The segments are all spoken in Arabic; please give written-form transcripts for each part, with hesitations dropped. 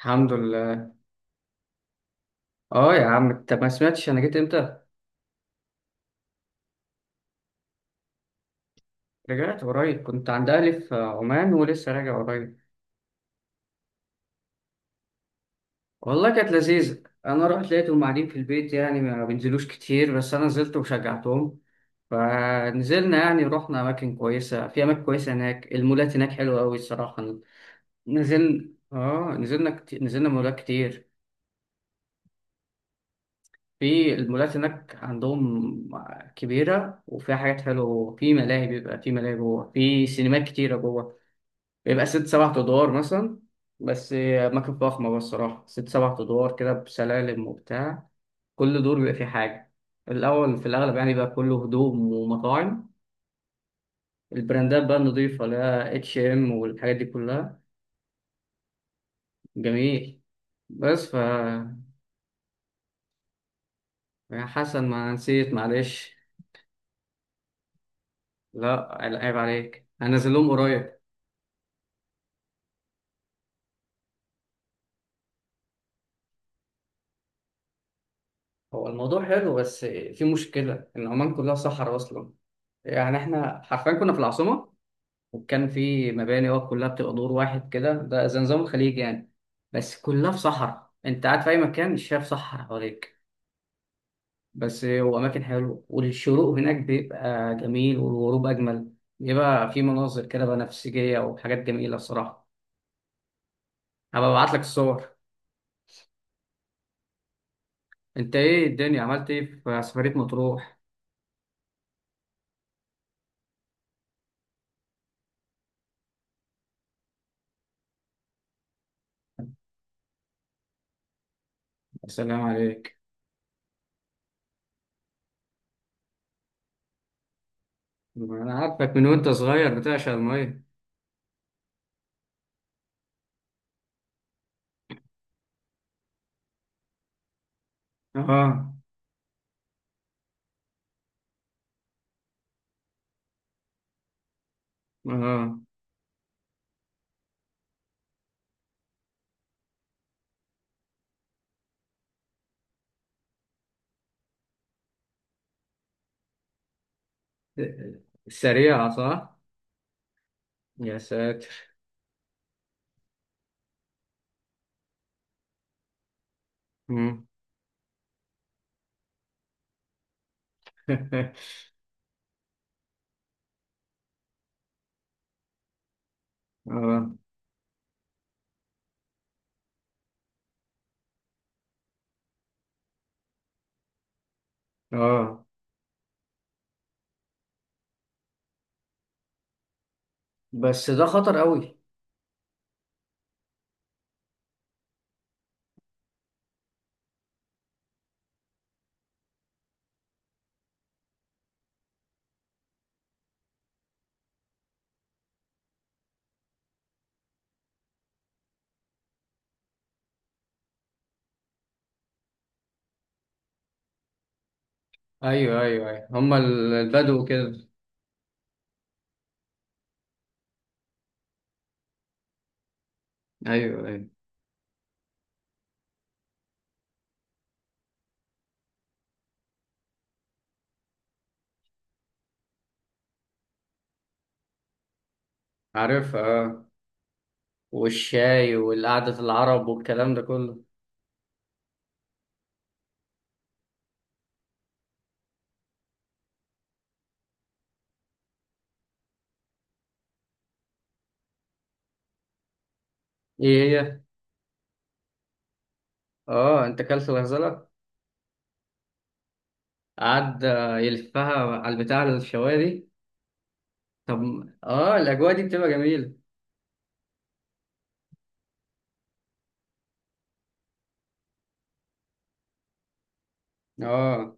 الحمد لله. اه يا عم انت ما سمعتش انا جيت امتى؟ رجعت قريب، كنت عند اهلي في عمان ولسه راجع قريب. والله كانت لذيذه، انا رحت لقيتهم قاعدين في البيت يعني ما بينزلوش كتير، بس انا نزلت وشجعتهم. فنزلنا يعني رحنا اماكن كويسه هناك. المولات هناك حلوه قوي الصراحه. نزلنا كتير. نزلنا مولات كتير. في المولات هناك عندهم كبيره وفيها حاجات حلوه. في ملاهي بيبقى في ملاهي جوه، في سينمات كتيره جوه. بيبقى ست سبع ادوار مثلا. بس أماكن فخمة بقى الصراحة، ست سبع ادوار كده بسلالم وبتاع. كل دور بيبقى فيه حاجة. الأول في الأغلب يعني بقى كله هدوم ومطاعم. البراندات بقى النضيفة اللي هي اتش ام والحاجات دي كلها. جميل. بس يا حسن ما نسيت معلش. لا. عيب عليك، هنزل لهم قريب. هو الموضوع حلو بس في مشكلة إن عمان كلها صحراء أصلا. يعني إحنا حرفيا كنا في العاصمة. وكان في مباني، هو كلها بتبقى دور واحد كده، ده زي نظام الخليج يعني. بس كلها في صحراء، انت قاعد في اي مكان مش شايف صحراء حواليك. بس هو اماكن حلوه، والشروق هناك بيبقى جميل والغروب اجمل. بيبقى في مناظر كده بنفسجيه وحاجات جميله الصراحه. هبقى ابعت لك الصور. انت ايه الدنيا، عملت ايه في سفريه مطروح؟ يا سلام عليك. انا عارفك من وانت صغير بتعشق الميه. اه. اه. سريعه صح؟ يا ساتر. مم. اه. اه. بس ده خطر قوي. ايوه ايوه ايوه، هما البدو كده. ايوه ايوه. عارفها. اه. والشاي والقعدة العرب والكلام ده كله. ايه هي؟ اه انت كلت الغزاله؟ قعد يلفها على البتاع، الشوايه دي. طب. اه الاجواء دي بتبقى جميله. اه.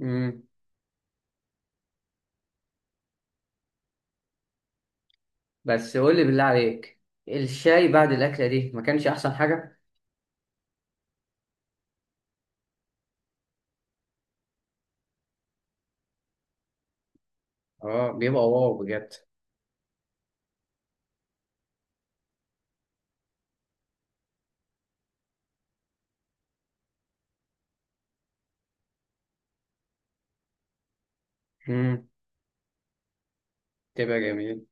امم. بس قول لي بالله عليك، الشاي بعد الأكلة دي ما كانش أحسن حاجة؟ اه بيبقى واو بجد. امم. بتبقى جميل.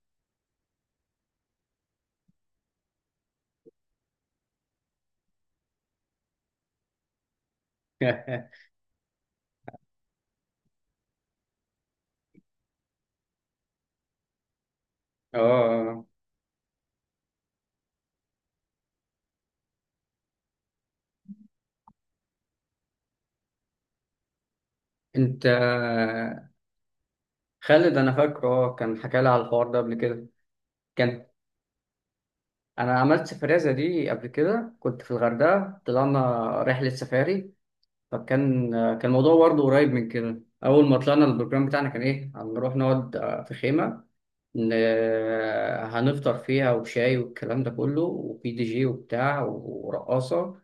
اه. انت خالد انا فاكره، اه كان حكى لي على الحوار ده قبل كده. كان. انا عملت سفرية زي دي قبل كده، كنت في الغردقة طلعنا رحلة سفاري. فكان. كان الموضوع برضه قريب من كده. اول ما طلعنا البروجرام بتاعنا كان ايه، هنروح نقعد في خيمة. ن- هنفطر فيها وشاي والكلام ده كله، وفي دي جي وبتاع ورقاصة.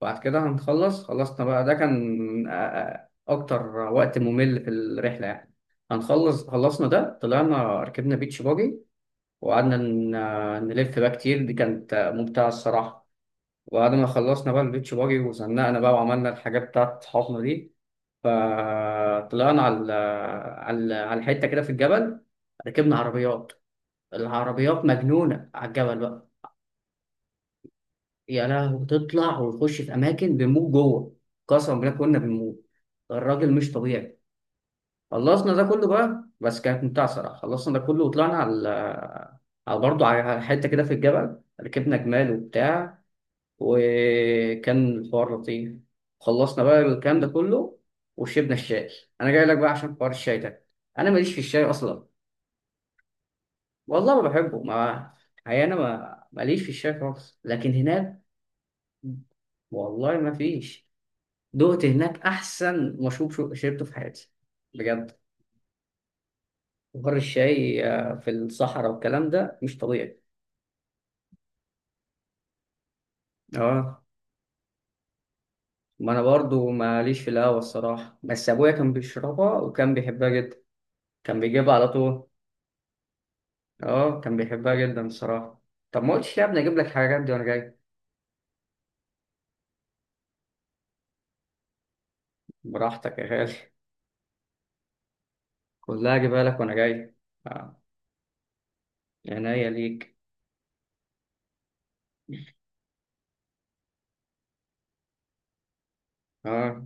بعد كده خلصنا بقى. ده كان أكتر وقت ممل في الرحلة يعني. خلصنا ده طلعنا ركبنا بيتش باجي. وقعدنا نلف بقى كتير. دي كانت ممتعة الصراحة. وبعد ما خلصنا بقى البيتش باجي وزنقنا بقى وعملنا الحاجات بتاعت صحابنا دي. فطلعنا على على الحتة كده في الجبل. ركبنا عربيات. العربيات مجنونة على الجبل بقى. يا لهوي، تطلع وتخش في اماكن بنموت جوه. قسما بالله كنا بنموت. ده الراجل مش طبيعي. خلصنا ده كله بقى بس كانت ممتعه صراحه. خلصنا ده كله وطلعنا على، على برضه على حته كده في الجبل، ركبنا جمال وبتاع. وكان الحوار لطيف. خلصنا بقى الكلام ده كله. وشربنا الشاي. انا جاي لك بقى عشان حوار الشاي ده. انا ماليش في الشاي اصلا. والله ما بحبه، ما الحقيقة انا ما ماليش في الشاي خالص، لكن هناك. والله ما فيش. دقت هناك احسن مشروب شربته في حياتي بجد. بحر الشاي في الصحراء والكلام ده مش طبيعي. اه. ما انا برضو ماليش في القهوه الصراحه، بس ابويا كان بيشربها وكان بيحبها جدا. كان بيجيبها على طول. اه كان بيحبها جدا الصراحه. طب ما قلتش ليه يا ابني اجيب لك الحاجات دي وانا جاي. براحتك يا غالي. كلها اجيبها لك وانا جاي. آه. عينيا ليك. اه.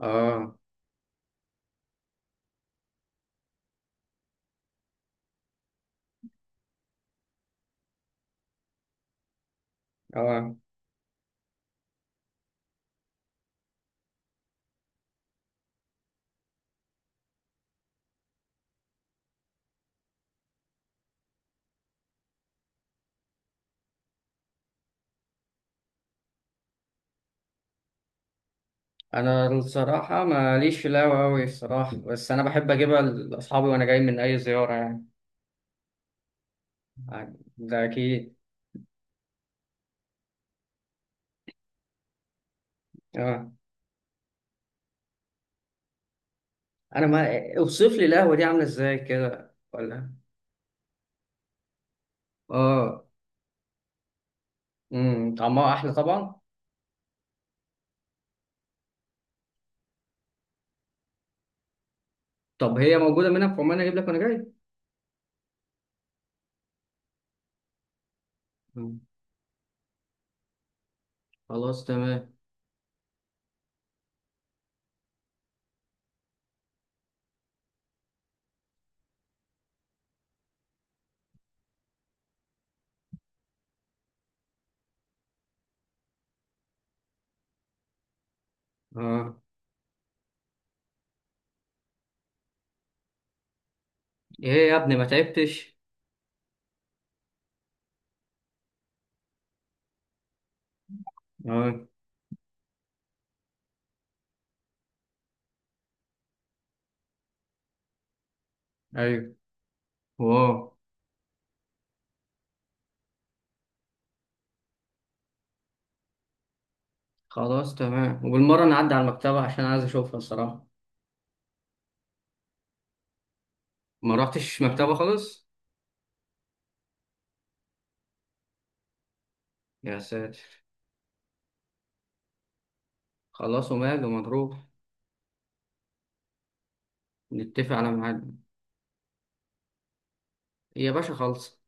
اه. اه. انا الصراحه ماليش في القهوه أوي الصراحه، بس انا بحب اجيبها لاصحابي وانا جاي من اي زياره يعني. ده اكيد. اه. انا، ما اوصف لي القهوه دي عامله ازاي كده ولا؟ اه. طعمها احلى طبعا. طب هي موجوده منها في عمان اجيب لك وانا جاي. مم. خلاص تمام. اه. ايه يا ابني ما تعبتش؟ اه. ايوه. واو. خلاص تمام، وبالمره نعدي على المكتبه عشان عايز اشوفها الصراحه. ما رحتش مكتبه خالص. يا ساتر. خلاص وماله، مضروب. نتفق على ميعاد. يا باشا خلص.